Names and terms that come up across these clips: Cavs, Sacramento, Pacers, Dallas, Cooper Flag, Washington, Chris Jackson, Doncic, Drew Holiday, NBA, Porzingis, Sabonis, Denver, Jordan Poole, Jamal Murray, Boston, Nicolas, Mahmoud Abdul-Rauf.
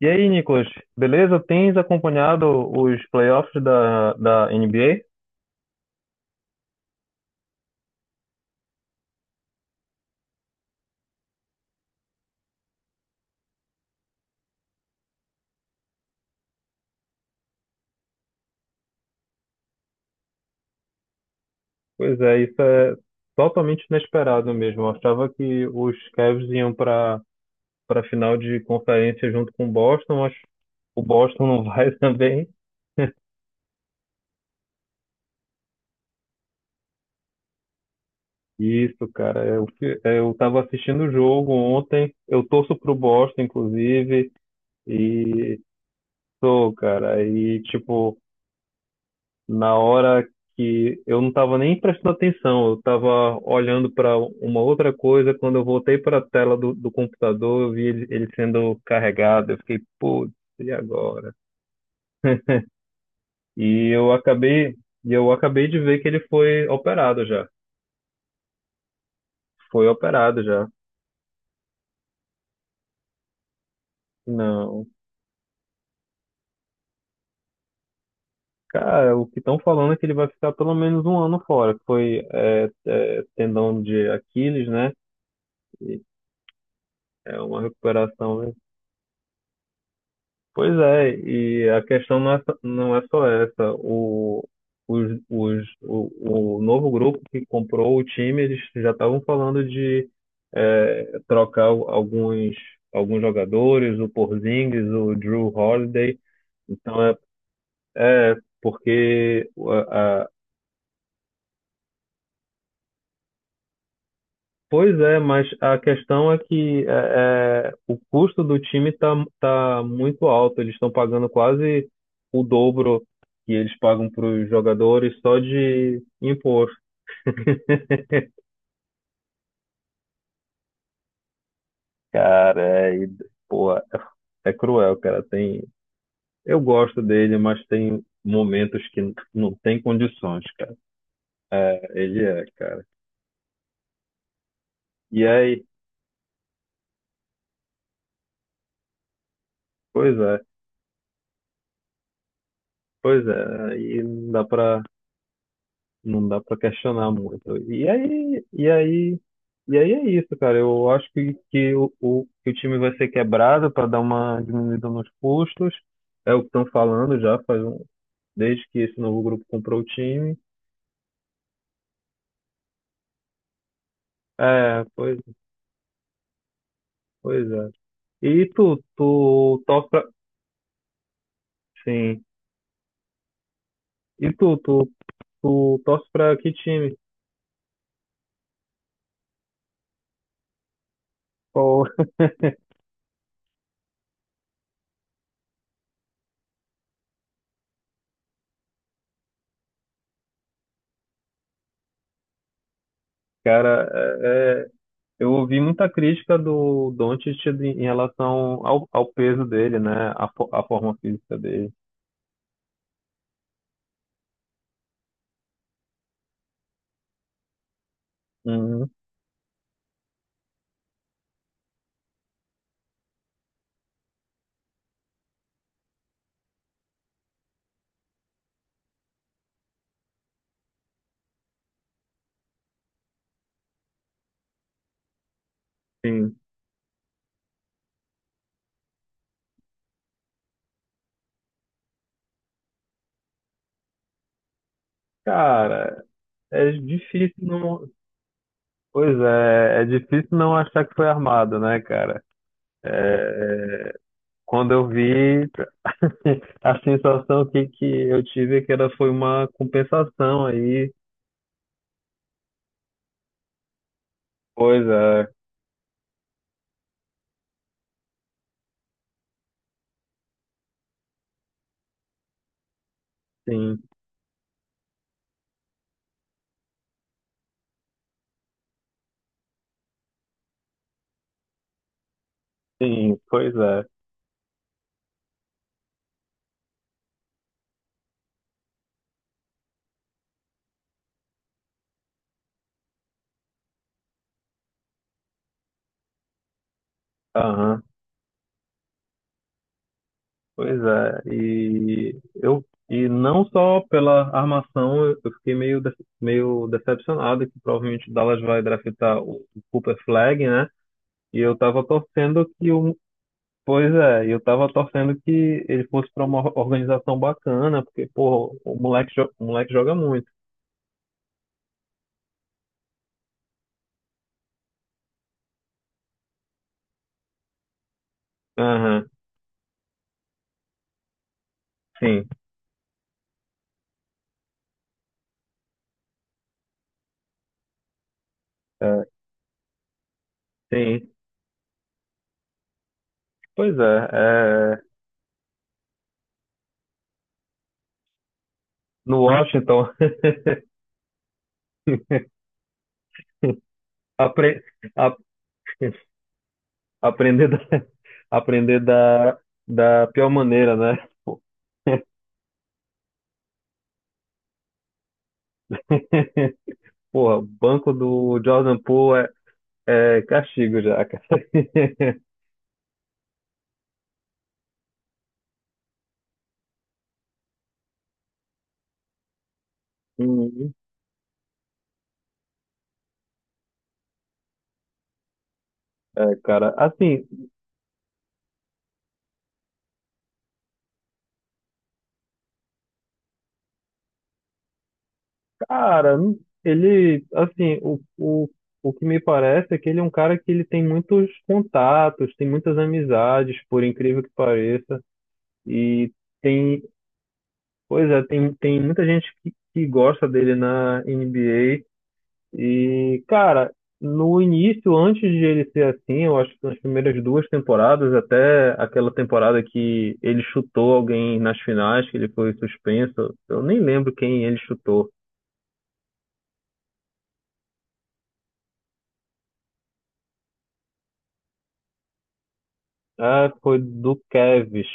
E aí, Nicolas, beleza? Tens acompanhado os playoffs da NBA? Pois é, isso é totalmente inesperado mesmo. Eu achava que os Cavs iam para final de conferência junto com o Boston, mas o Boston não vai também. Isso, cara, eu tava assistindo o jogo ontem, eu torço pro Boston, inclusive, e sou, cara, e tipo. Na hora que eu não estava nem prestando atenção, eu estava olhando para uma outra coisa. Quando eu voltei para a tela do computador, eu vi ele sendo carregado. Eu fiquei, putz, e agora? E eu acabei, e eu acabei de ver que ele foi operado já. Foi operado já. Não. Cara, o que estão falando é que ele vai ficar pelo menos um ano fora, que foi tendão de Aquiles, né? E é uma recuperação, né? Pois é, e a questão não é só essa. O novo grupo que comprou o time, eles já estavam falando de trocar alguns jogadores, o Porzingis, o Drew Holiday. Então é, porque. Pois é, mas a questão é que o custo do time está tá muito alto. Eles estão pagando quase o dobro que eles pagam para os jogadores só de imposto. Cara, é, e, porra, é cruel, cara. Tem, eu gosto dele, mas tem momentos que não tem condições, cara. Ele é, cara. E aí, pois é, pois é, aí não dá pra questionar muito. E aí é isso, cara. Eu acho que o time vai ser quebrado para dar uma diminuída nos custos. É o que estão falando já faz um, desde que esse novo grupo comprou o time. É, pois é. E tu torce pra, sim. E tu torce pra que time? Pô, cara, é, é, eu ouvi muita crítica do Doncic em relação ao peso dele, né? A forma física dele. Uhum, sim. Cara, é difícil não. Pois é, é difícil não achar que foi armado, né, cara? É, quando eu vi, a sensação que eu tive é que foi uma compensação aí. Pois é, sim, sim, pois é. Aham. Pois é, e eu e não só pela armação, eu fiquei meio decepcionado que provavelmente o Dallas vai draftar o Cooper Flag, né? E eu tava torcendo que o Pois é, e eu tava torcendo que ele fosse para uma organização bacana, porque, pô, o moleque, o moleque joga muito. Aham, sim, é, sim. Pois é, no Washington. apre, a- Aprender da, aprender da pior maneira, né? Pô, porra, o banco do Jordan Poole é castigo já, cara. Uhum. É, cara, assim, cara, ele, assim, o que me parece é que ele é um cara que ele tem muitos contatos, tem muitas amizades, por incrível que pareça, e tem, tem muita gente que gosta dele na NBA. E, cara, no início, antes de ele ser assim, eu acho que nas primeiras duas temporadas, até aquela temporada que ele chutou alguém nas finais, que ele foi suspenso, eu nem lembro quem ele chutou. Ah, foi do Kevs.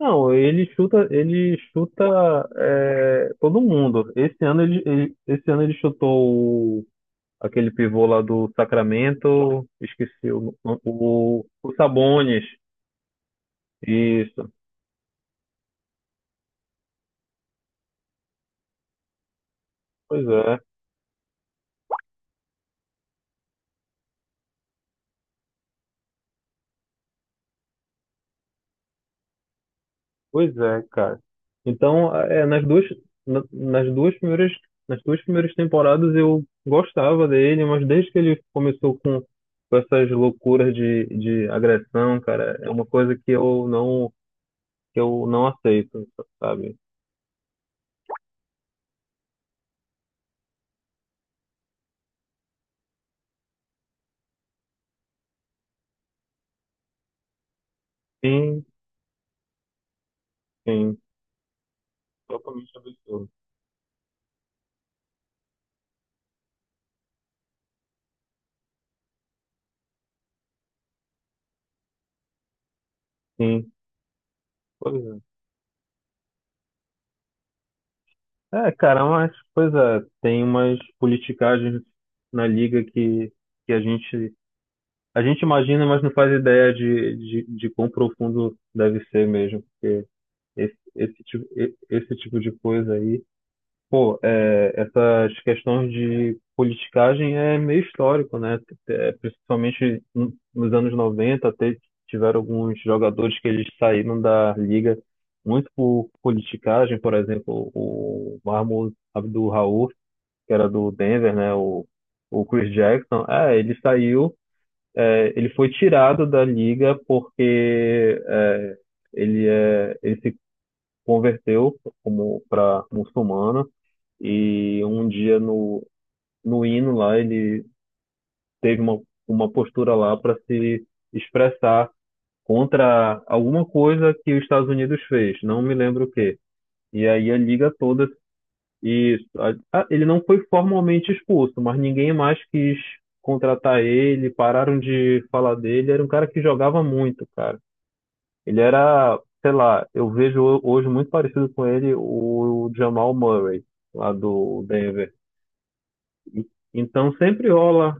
Não, ele chuta é, todo mundo. Esse ano ele chutou aquele pivô lá do Sacramento, esqueci o Sabonis. Isso. Pois é. Pois é, cara. Então, é, na- nas duas primeiras, nas duas primeiras temporadas eu gostava dele, mas desde que ele começou com essas loucuras de agressão, cara, é uma coisa que eu não, aceito, sabe? Sim, sim. Totalmente absurdo. Sim, pois é. É, cara, mas, pois é, tem umas politicagens na liga. Que a gente A gente imagina, mas não faz ideia de quão profundo deve ser mesmo, porque esse tipo de coisa aí, pô, é, essas questões de politicagem é meio histórico, né? É, principalmente nos anos 90, até tiveram alguns jogadores que eles saíram da liga muito por politicagem, por exemplo, o Mahmoud Abdul-Rauf, que era do Denver, né? O Chris Jackson. Ele saiu, ele foi tirado da liga porque ele se converteu como para muçulmano e um dia no hino lá ele teve uma postura lá para se expressar contra alguma coisa que os Estados Unidos fez, não me lembro o quê. E aí a liga toda e ele não foi formalmente expulso, mas ninguém mais quis contratar ele, pararam de falar dele, era um cara que jogava muito, cara. Ele era, sei lá, eu vejo hoje muito parecido com ele o Jamal Murray, lá do Denver. E- Então sempre rola,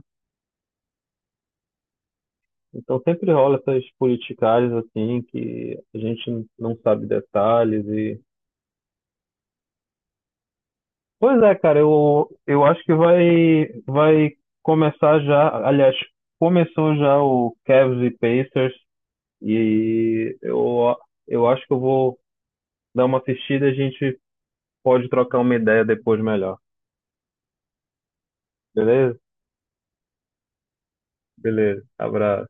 essas politicagens assim que a gente não sabe detalhes. E pois é, cara, eu acho que vai começar já, aliás, começou já o Cavs e Pacers, e eu acho que eu vou dar uma assistida, e a gente pode trocar uma ideia depois melhor. Beleza? Beleza, abraço.